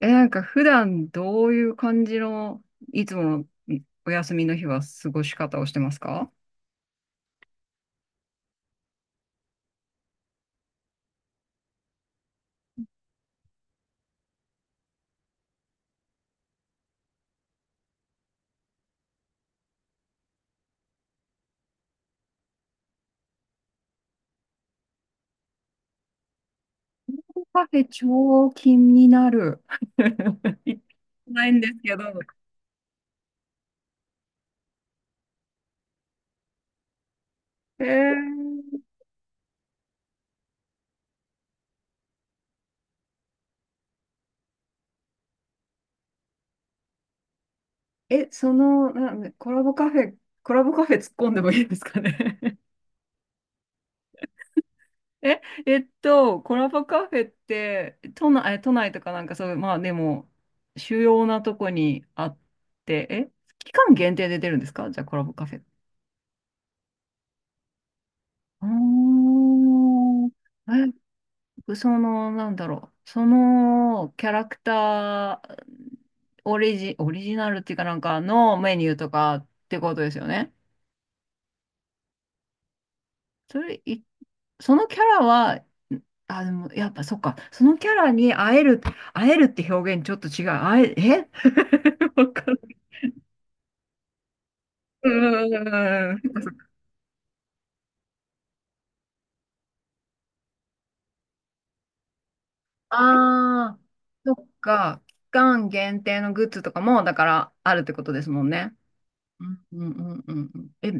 なんか普段どういう感じの、いつものお休みの日は過ごし方をしてますか？カフェ超気になる。行ってないんですけど。へええ、その、な、コラボカフェ、コラボカフェ突っ込んでもいいですかね？ コラボカフェって、都内、都内とかなんかそういう、まあでも、主要なとこにあって、え、期間限定で出るんですかじゃあコラボカフェ。あーえ、その、なんだろう、そのキャラクター、オリジナルっていうかなんかのメニューとかってことですよね。それ、いそのキャラは、あ、でも、やっぱそっか、そのキャラに会える、会えるって表現ちょっと違う。会え、え わかんない。うーん。ああ、そっか。期間限定のグッズとかも、だからあるってことですもんね。うんうんうんうんうん。え、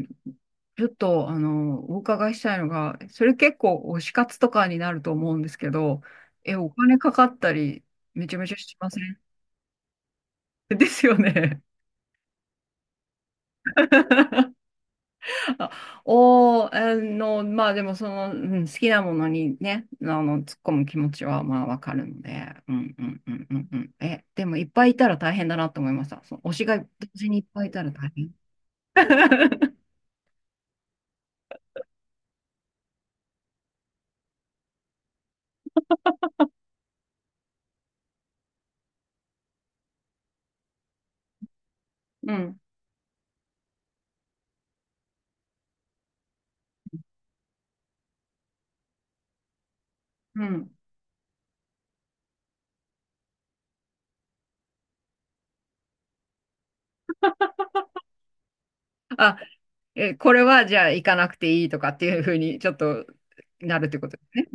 ちょっと、お伺いしたいのが、それ結構推し活とかになると思うんですけど、え、お金かかったり、めちゃめちゃしません？ですよね。あおー、まあでもその、うん、好きなものにね、突っ込む気持ちはまあわかるので、うんうんうんうんうん。え、でもいっぱいいたら大変だなと思いました。その推しが同時にいっぱいいたら大変。うん、うん。あ、え、これはじゃあ行かなくていいとかっていうふうにちょっとなるってことですね。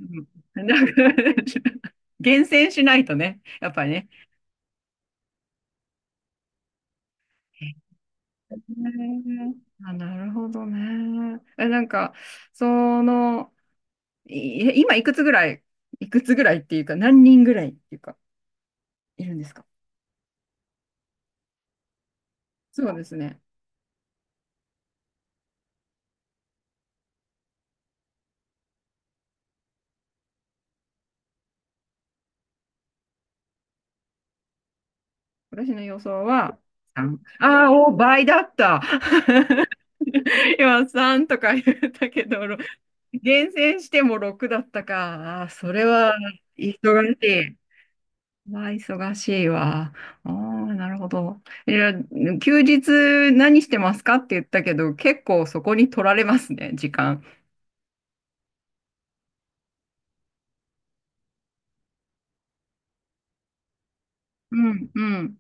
うん、なんか、 厳選しないとね、やっぱりね。へーあ、なるほどね。え、なんか、その、い今いくつぐらい、いくつぐらいっていうか、何人ぐらいっていうか、いるんですか？そうですね。私の予想は3。ああ、お、倍だった。今3とか言ったけど、厳選しても6だったか。ああ、それは忙しい。まあ、忙しいわ。ああ、なるほど。いや、休日何してますかって言ったけど、結構そこに取られますね、時間。うん、うん。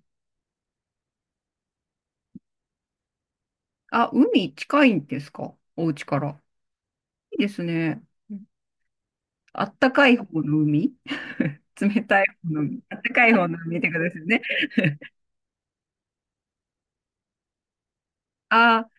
あ、海近いんですかお家から？いいですね。あったかい方の海、 冷たい方の海。あったかい方の海ってことですよね。あー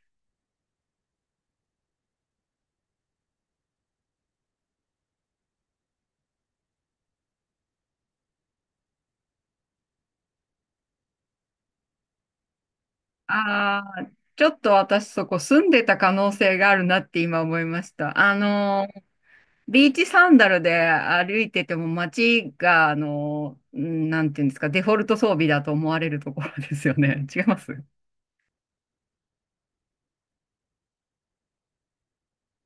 あー、あちょっと私そこ住んでた可能性があるなって今思いました。ビーチサンダルで歩いてても街が、うんなんていうんですか、デフォルト装備だと思われるところですよね。違います？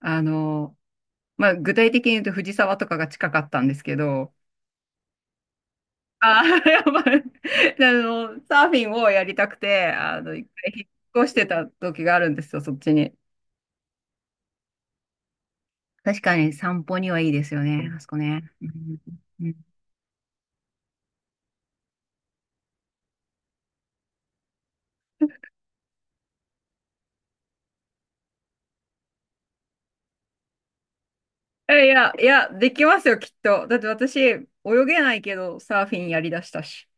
あのまあ、具体的に言うと藤沢とかが近かったんですけど、ああ、やばい。サーフィンをやりたくて、一回引っ越してた時があるんですよ、そっちに。確かに散歩にはいいですよね、あそこね。うんうんえいや、いや、できますよ、きっと。だって私、泳げないけど、サーフィンやりだしたし。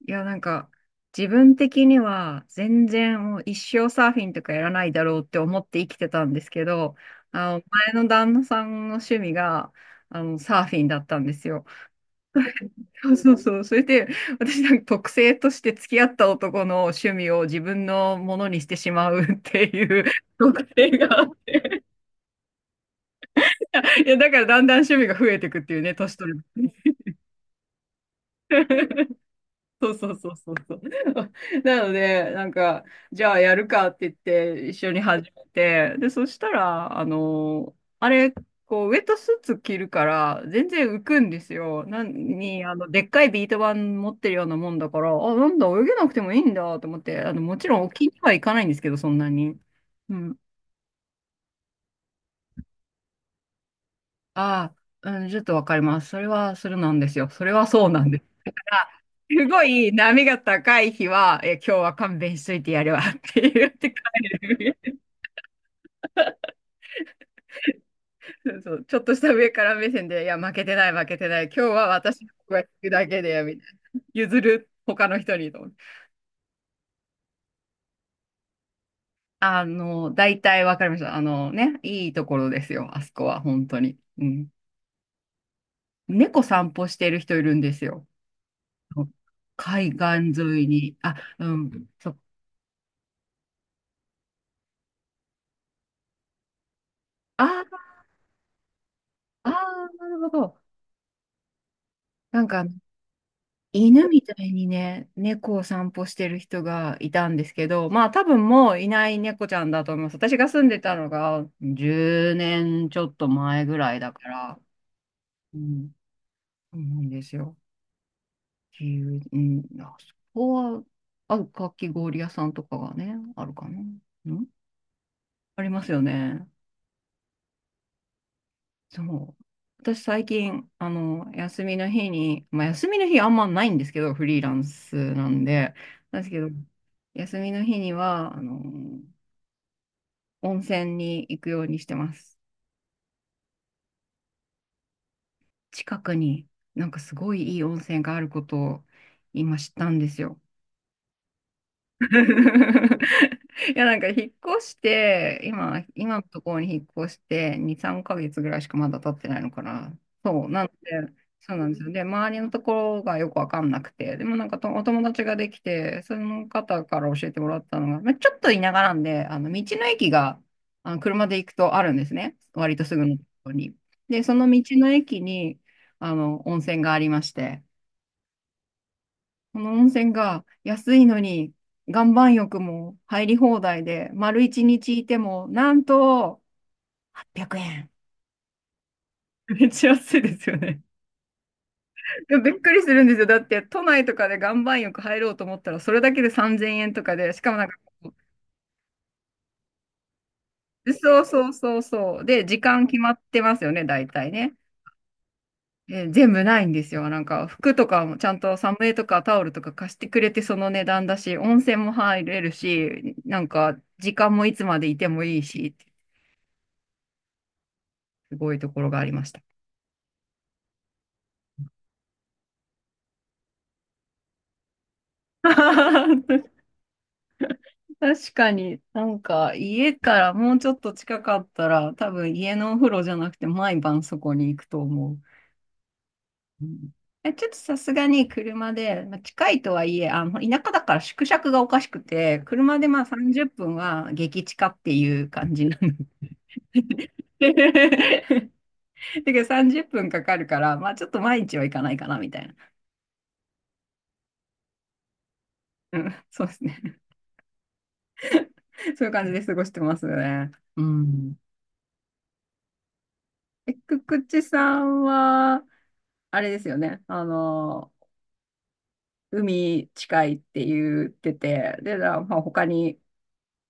いや、なんか、自分的には、全然もう一生サーフィンとかやらないだろうって思って生きてたんですけど、あの、前の旦那さんの趣味が、サーフィンだったんですよ。そうそうそう。それで、私なんか特性として付き合った男の趣味を自分のものにしてしまうっていう 特性が、いや、だからだんだん趣味が増えていくっていうね、年取る。そうそうそうそうそう。なので、なんか、じゃあやるかって言って一緒に始めて、で、そしたら、あの、あれ、こう、ウェットスーツ着るから、全然浮くんですよ。なんに、あの、でっかいビート板持ってるようなもんだから、あ、なんだ、泳げなくてもいいんだと思って、あの、もちろん沖には行かないんですけど、そんなに。うん。ああ、うん、ちょっとわかります。それは、それなんですよ。それはそうなんです。すごい波が高い日は、え、今日は勘弁しといてやるわって言って帰る。そうそう、ちょっとした上から目線で、いや、負けてない、負けてない。今日は私の声が聞くだけで、みたいな。譲る、他の人にと思って。大体わかりました。あのね、いいところですよ、あそこは、本当に。うん。猫散歩してる人いるんですよ。海岸沿いに。あ、うん。そう。あーあー、なるほど。なんか犬みたいにね、猫を散歩してる人がいたんですけど、まあ多分もういない猫ちゃんだと思います。私が住んでたのが10年ちょっと前ぐらいだから、うん、そうなんですよ。っていう、うん、あそこは、あ、かき氷屋さんとかがね、あるかな。うん、ありますよね。そう。私最近、休みの日に、まあ休みの日あんまないんですけど、フリーランスなんで、なんですけど、休みの日には、温泉に行くようにしてます。近くになんかすごいいい温泉があることを今知ったんですよ。いや、なんか引っ越して、今のところに引っ越して、2、3ヶ月ぐらいしかまだ経ってないのかな。そう、なんで、そうなんですよ。で、周りのところがよくわかんなくて、でもなんかとお友達ができて、その方から教えてもらったのが、まあ、ちょっと田舎なんで、道の駅が、車で行くとあるんですね。割とすぐのところに。で、その道の駅に、温泉がありまして、この温泉が安いのに岩盤浴も入り放題で、丸一日いても、なんと800円。めっちゃ安いですよね。でもびっくりするんですよ。だって都内とかで岩盤浴入ろうと思ったら、それだけで3000円とかで、しかもなんかこう、そうそうそうそう。で、時間決まってますよね、大体ね。えー全部ないんですよ。なんか服とかもちゃんとサムエとかタオルとか貸してくれてその値段だし、温泉も入れるし、なんか時間もいつまでいてもいいし、すごいところがありました。確かに、なんか家からもうちょっと近かったら、多分家のお風呂じゃなくて毎晩そこに行くと思う。うんえ、ちょっとさすがに車で、まあ、近いとはいえ、田舎だから縮尺がおかしくて、車でまあ30分は激近っていう感じなの。だけど30分かかるから、まあちょっと毎日は行かないかなみたいな。うん、そうですね。そういう感じで過ごしてますね。うん。え、くくちさんは、あれですよね。海近いって言ってて、で、だまあ、他に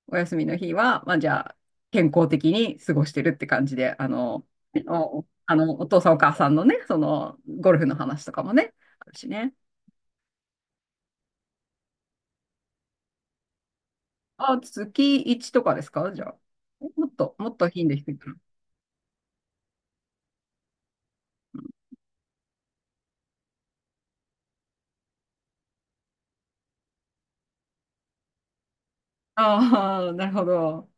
お休みの日は、まあ、じゃあ、健康的に過ごしてるって感じで、あの、お、あの、お父さんお母さんのね、その、ゴルフの話とかもね、あるしね。あ、月1とかですかじゃあ。もっと、もっと頻度低いかな。ああ、なるほど。